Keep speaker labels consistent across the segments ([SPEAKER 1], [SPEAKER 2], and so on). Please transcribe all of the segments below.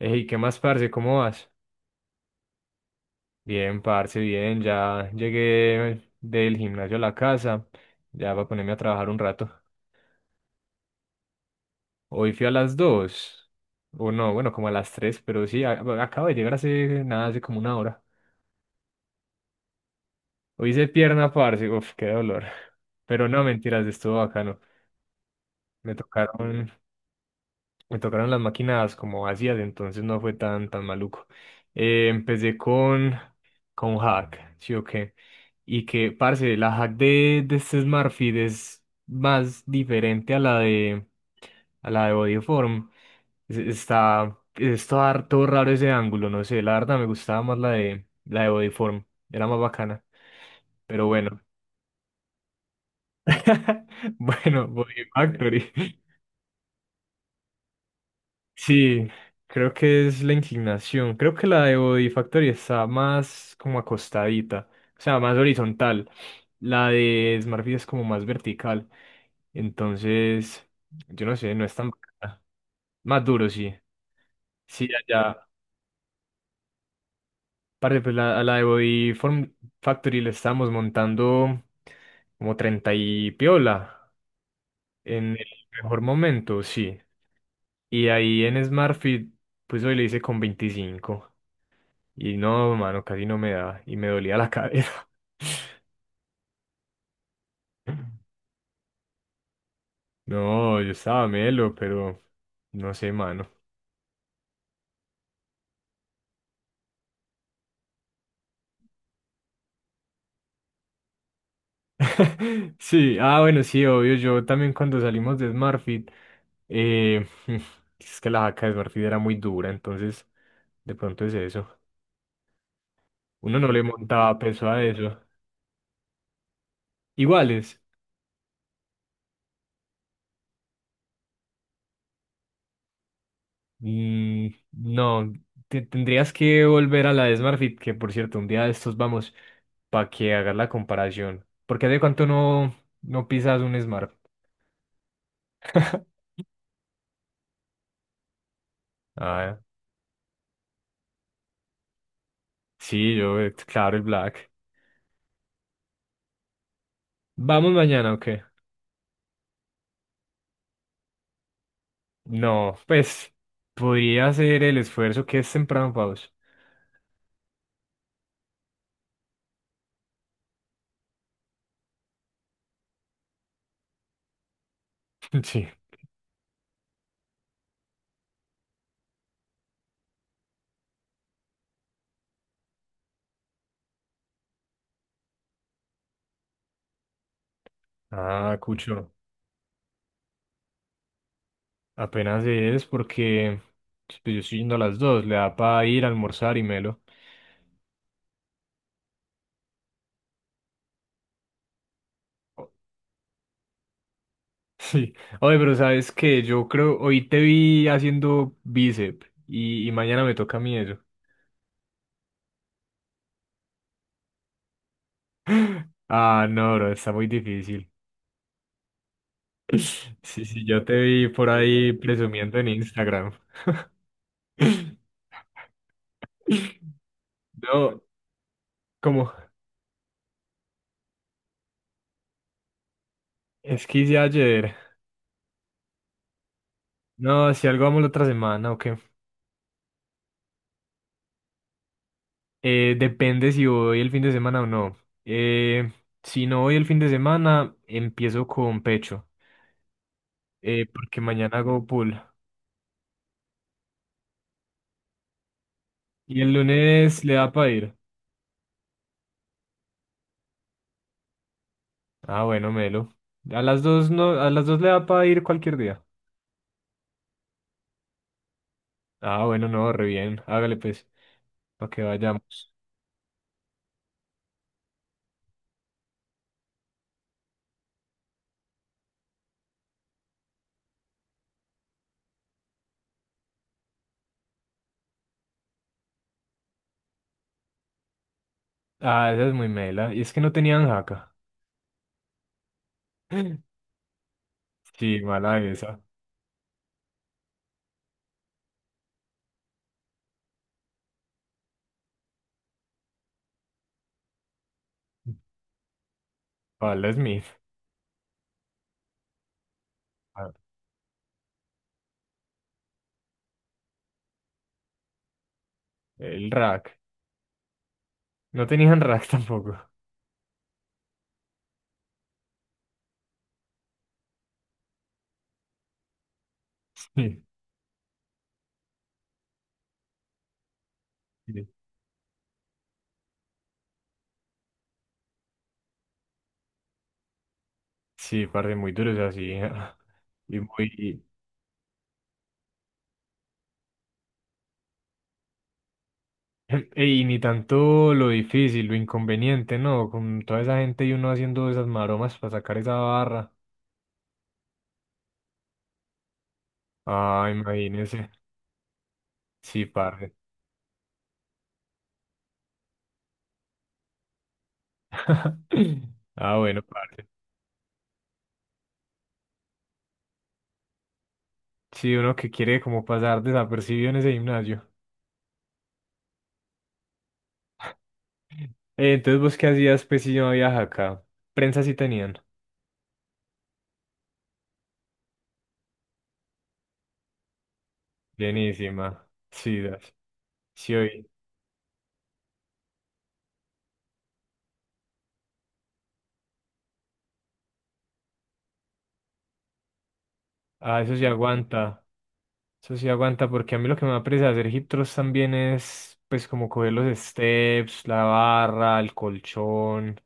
[SPEAKER 1] Ey, ¿qué más, parce? ¿Cómo vas? Bien, parce, bien. Ya llegué del gimnasio a la casa. Ya va a ponerme a trabajar un rato. Hoy fui a las 2. O no, bueno, como a las 3, pero sí, bueno, acabo de llegar hace nada, hace como una hora. Hoy hice pierna, parce. Uf, qué dolor. Pero no, mentiras, estuvo bacano. Me tocaron, Me tocaron las máquinas como ácidas, entonces no fue tan maluco. Empecé con hack, ¿sí o qué? Y que, parce, la hack de este Smartfit es más diferente a la de Bodyform. Está harto raro ese ángulo, no sé, la verdad me gustaba más la de Bodyform, era más bacana. Pero bueno, bueno, Body Factory. Sí, creo que es la inclinación. Creo que la de Body Factory está más como acostadita, o sea, más horizontal. La de Smartfit es como más vertical. Entonces, yo no sé, no es tan bacana. Más duro, sí. Sí, allá. Parce, pues a la de Body Form Factory le estábamos montando como 30 y piola en el mejor momento, sí. Y ahí en Smartfit, pues hoy le hice con 25. Y no, mano, casi no me da. Y me dolía la cadera. No, yo estaba melo, pero no sé, mano. Sí, ah, bueno, sí, obvio. Yo también cuando salimos de Smartfit, eh, es que la jaca de Smartfit era muy dura, entonces de pronto es eso. Uno no le montaba peso a eso. Iguales. Mm, no, tendrías que volver a la de SmartFit, que, por cierto, un día de estos vamos para que hagas la comparación. Porque de cuánto no pisas un Smart. Ah, sí, claro, el Black. ¿Vamos mañana o qué? No, pues podría hacer el esfuerzo que es temprano, Paus. Sí. Ah, Cucho, apenas es porque, pues, yo estoy yendo a las 2, le da para ir a almorzar y melo. Sí. Oye, pero sabes que yo creo, hoy te vi haciendo bíceps y mañana me toca a mí eso. Ah, no, bro, está muy difícil. Sí, sí, yo te vi por ahí presumiendo en Instagram. No, como, es que hice ayer. No, si algo vamos la otra semana, ok. Depende si voy el fin de semana o no. Eh, si no voy el fin de semana, empiezo con pecho, porque mañana hago pull. Y el lunes le da para ir. Ah, bueno, melo. A las dos no, a las 2 le da para ir cualquier día. Ah, bueno, no, re bien. Hágale, pues, para que vayamos. Ah, esa es muy mela. Y es que no tenían jaca. Sí, mala esa. Pablo Smith. Ah, el rack. No tenían rack tampoco. Sí, sí, sí, parce, muy duros así. Y muy. Y ni tanto lo difícil, lo inconveniente, ¿no? Con toda esa gente y uno haciendo esas maromas para sacar esa barra. Ah, imagínese. Sí, parce. Ah, bueno, parce. Sí, uno que quiere como pasar desapercibido en ese gimnasio. Entonces, ¿vos qué hacías, pues, si no había acá? Prensa sí tenían. Llenísima. Sí, das. Sí, oí. Ah, eso sí aguanta. Eso sí aguanta, porque a mí lo que me da apresa hacer hip thrust también es, pues, como coger los steps, la barra, el colchón.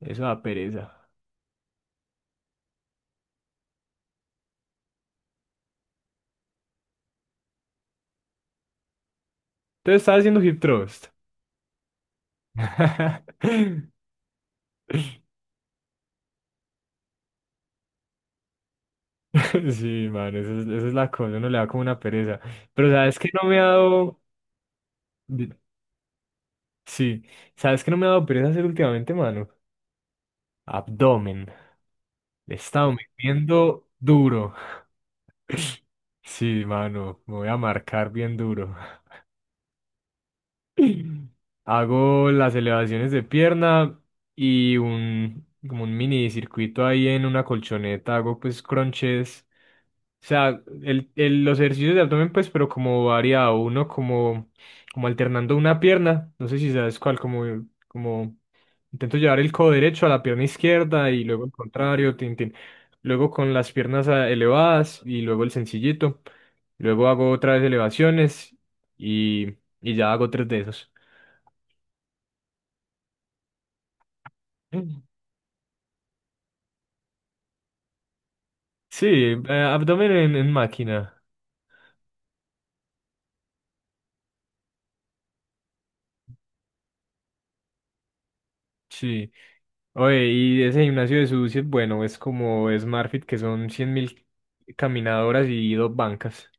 [SPEAKER 1] Eso da pereza. Entonces, estaba haciendo hip thrust. Sí, mano, eso es la cosa, uno le da como una pereza. Pero sabes que no me ha dado. di- Sí, sabes que no me ha dado pereza hacer últimamente, mano. Abdomen. Le he estado metiendo duro. Sí, mano, me voy a marcar bien duro. Hago las elevaciones de pierna y como un mini circuito ahí en una colchoneta. Hago, pues, crunches. O sea, los ejercicios de abdomen, pues, pero como variado, uno como, como, alternando una pierna, no sé si sabes cuál, como intento llevar el codo derecho a la pierna izquierda y luego el contrario, tin, tin. Luego con las piernas elevadas y luego el sencillito. Luego hago otra vez elevaciones y, y ya hago tres de esos. Mm. Sí, abdomen en máquina, sí. Oye, y ese gimnasio de Susi es bueno, es como SmartFit, que son 100.000 caminadoras y dos bancas.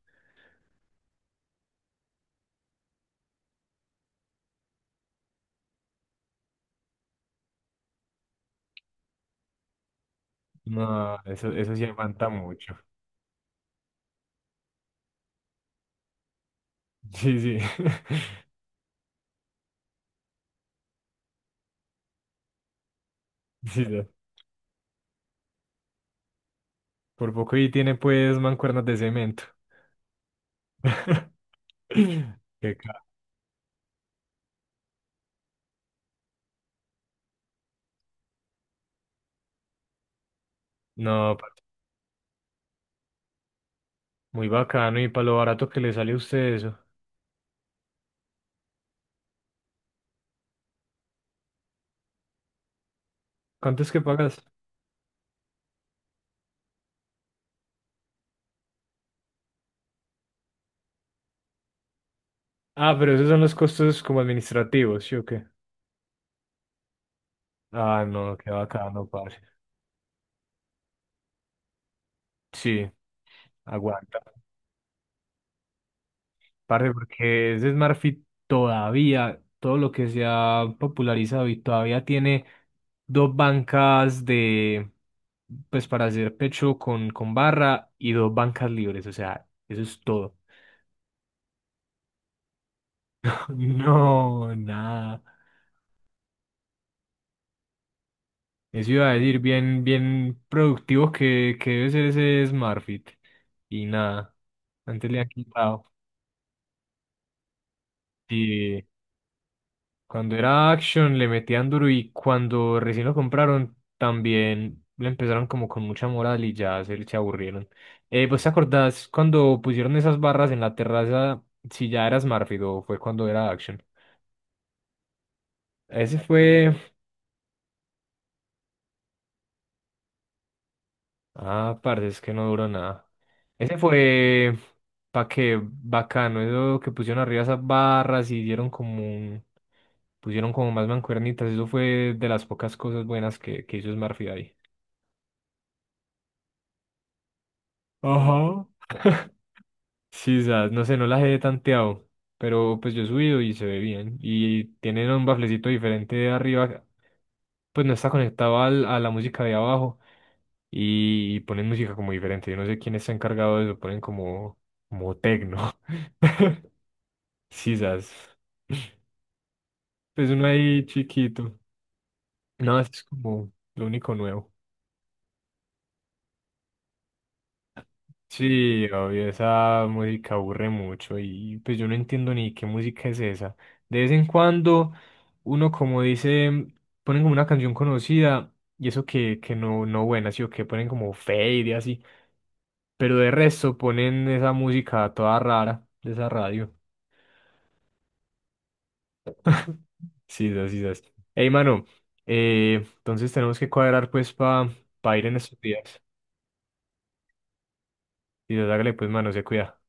[SPEAKER 1] No, eso sí levanta mucho. Sí, sí. Sí, sí. Por poco y tiene, pues, mancuernas de cemento. Qué ca- No, muy bacano y para lo barato que le sale a usted eso. ¿Cuánto es que pagas? Ah, pero esos son los costos como administrativos, ¿sí o qué? Ah, no, qué bacano, parce. Sí, aguanta. Parce, porque ese Smart Fit todavía, todo lo que se ha popularizado, y todavía tiene dos bancas de, pues, para hacer pecho con barra y dos bancas libres, o sea, eso es todo. No, nada. Eso iba a decir, bien, bien productivo que debe ser ese Smart Fit. Y nada, antes le han quitado. Sí. Cuando era Action le metían duro, y cuando recién lo compraron también le empezaron como con mucha moral y ya se aburrieron. ¿Vos te acordás cuando pusieron esas barras en la terraza, si ya era Smartfit o fue cuando era Action? Ese fue. Ah, parce, es que no duró nada. Ese fue. Pa' que bacano, eso que pusieron arriba esas barras y dieron como un. Pusieron como más mancuernitas, eso fue de las pocas cosas buenas que hizo Smartfit ahí. Ajá. Sí, sas, no sé, no las he tanteado, pero, pues, yo he subido y se ve bien. Y tienen un baflecito diferente de arriba, pues no está conectado a la música de abajo y ponen música como diferente. Yo no sé quién está encargado de eso, ponen como, tecno. Sí, sas. Pues uno ahí chiquito. No, eso es como lo único nuevo. Sí, obvio, esa música aburre mucho y, pues, yo no entiendo ni qué música es esa. De vez en cuando uno como dice, ponen como una canción conocida, y eso que no buena, sí, o que ponen como fade y así, pero de resto ponen esa música toda rara de esa radio. Sí, sí, sí. Sí. Ey, mano, entonces tenemos que cuadrar, pues, para ir en estos días. Y hágale, pues, mano, se cuida.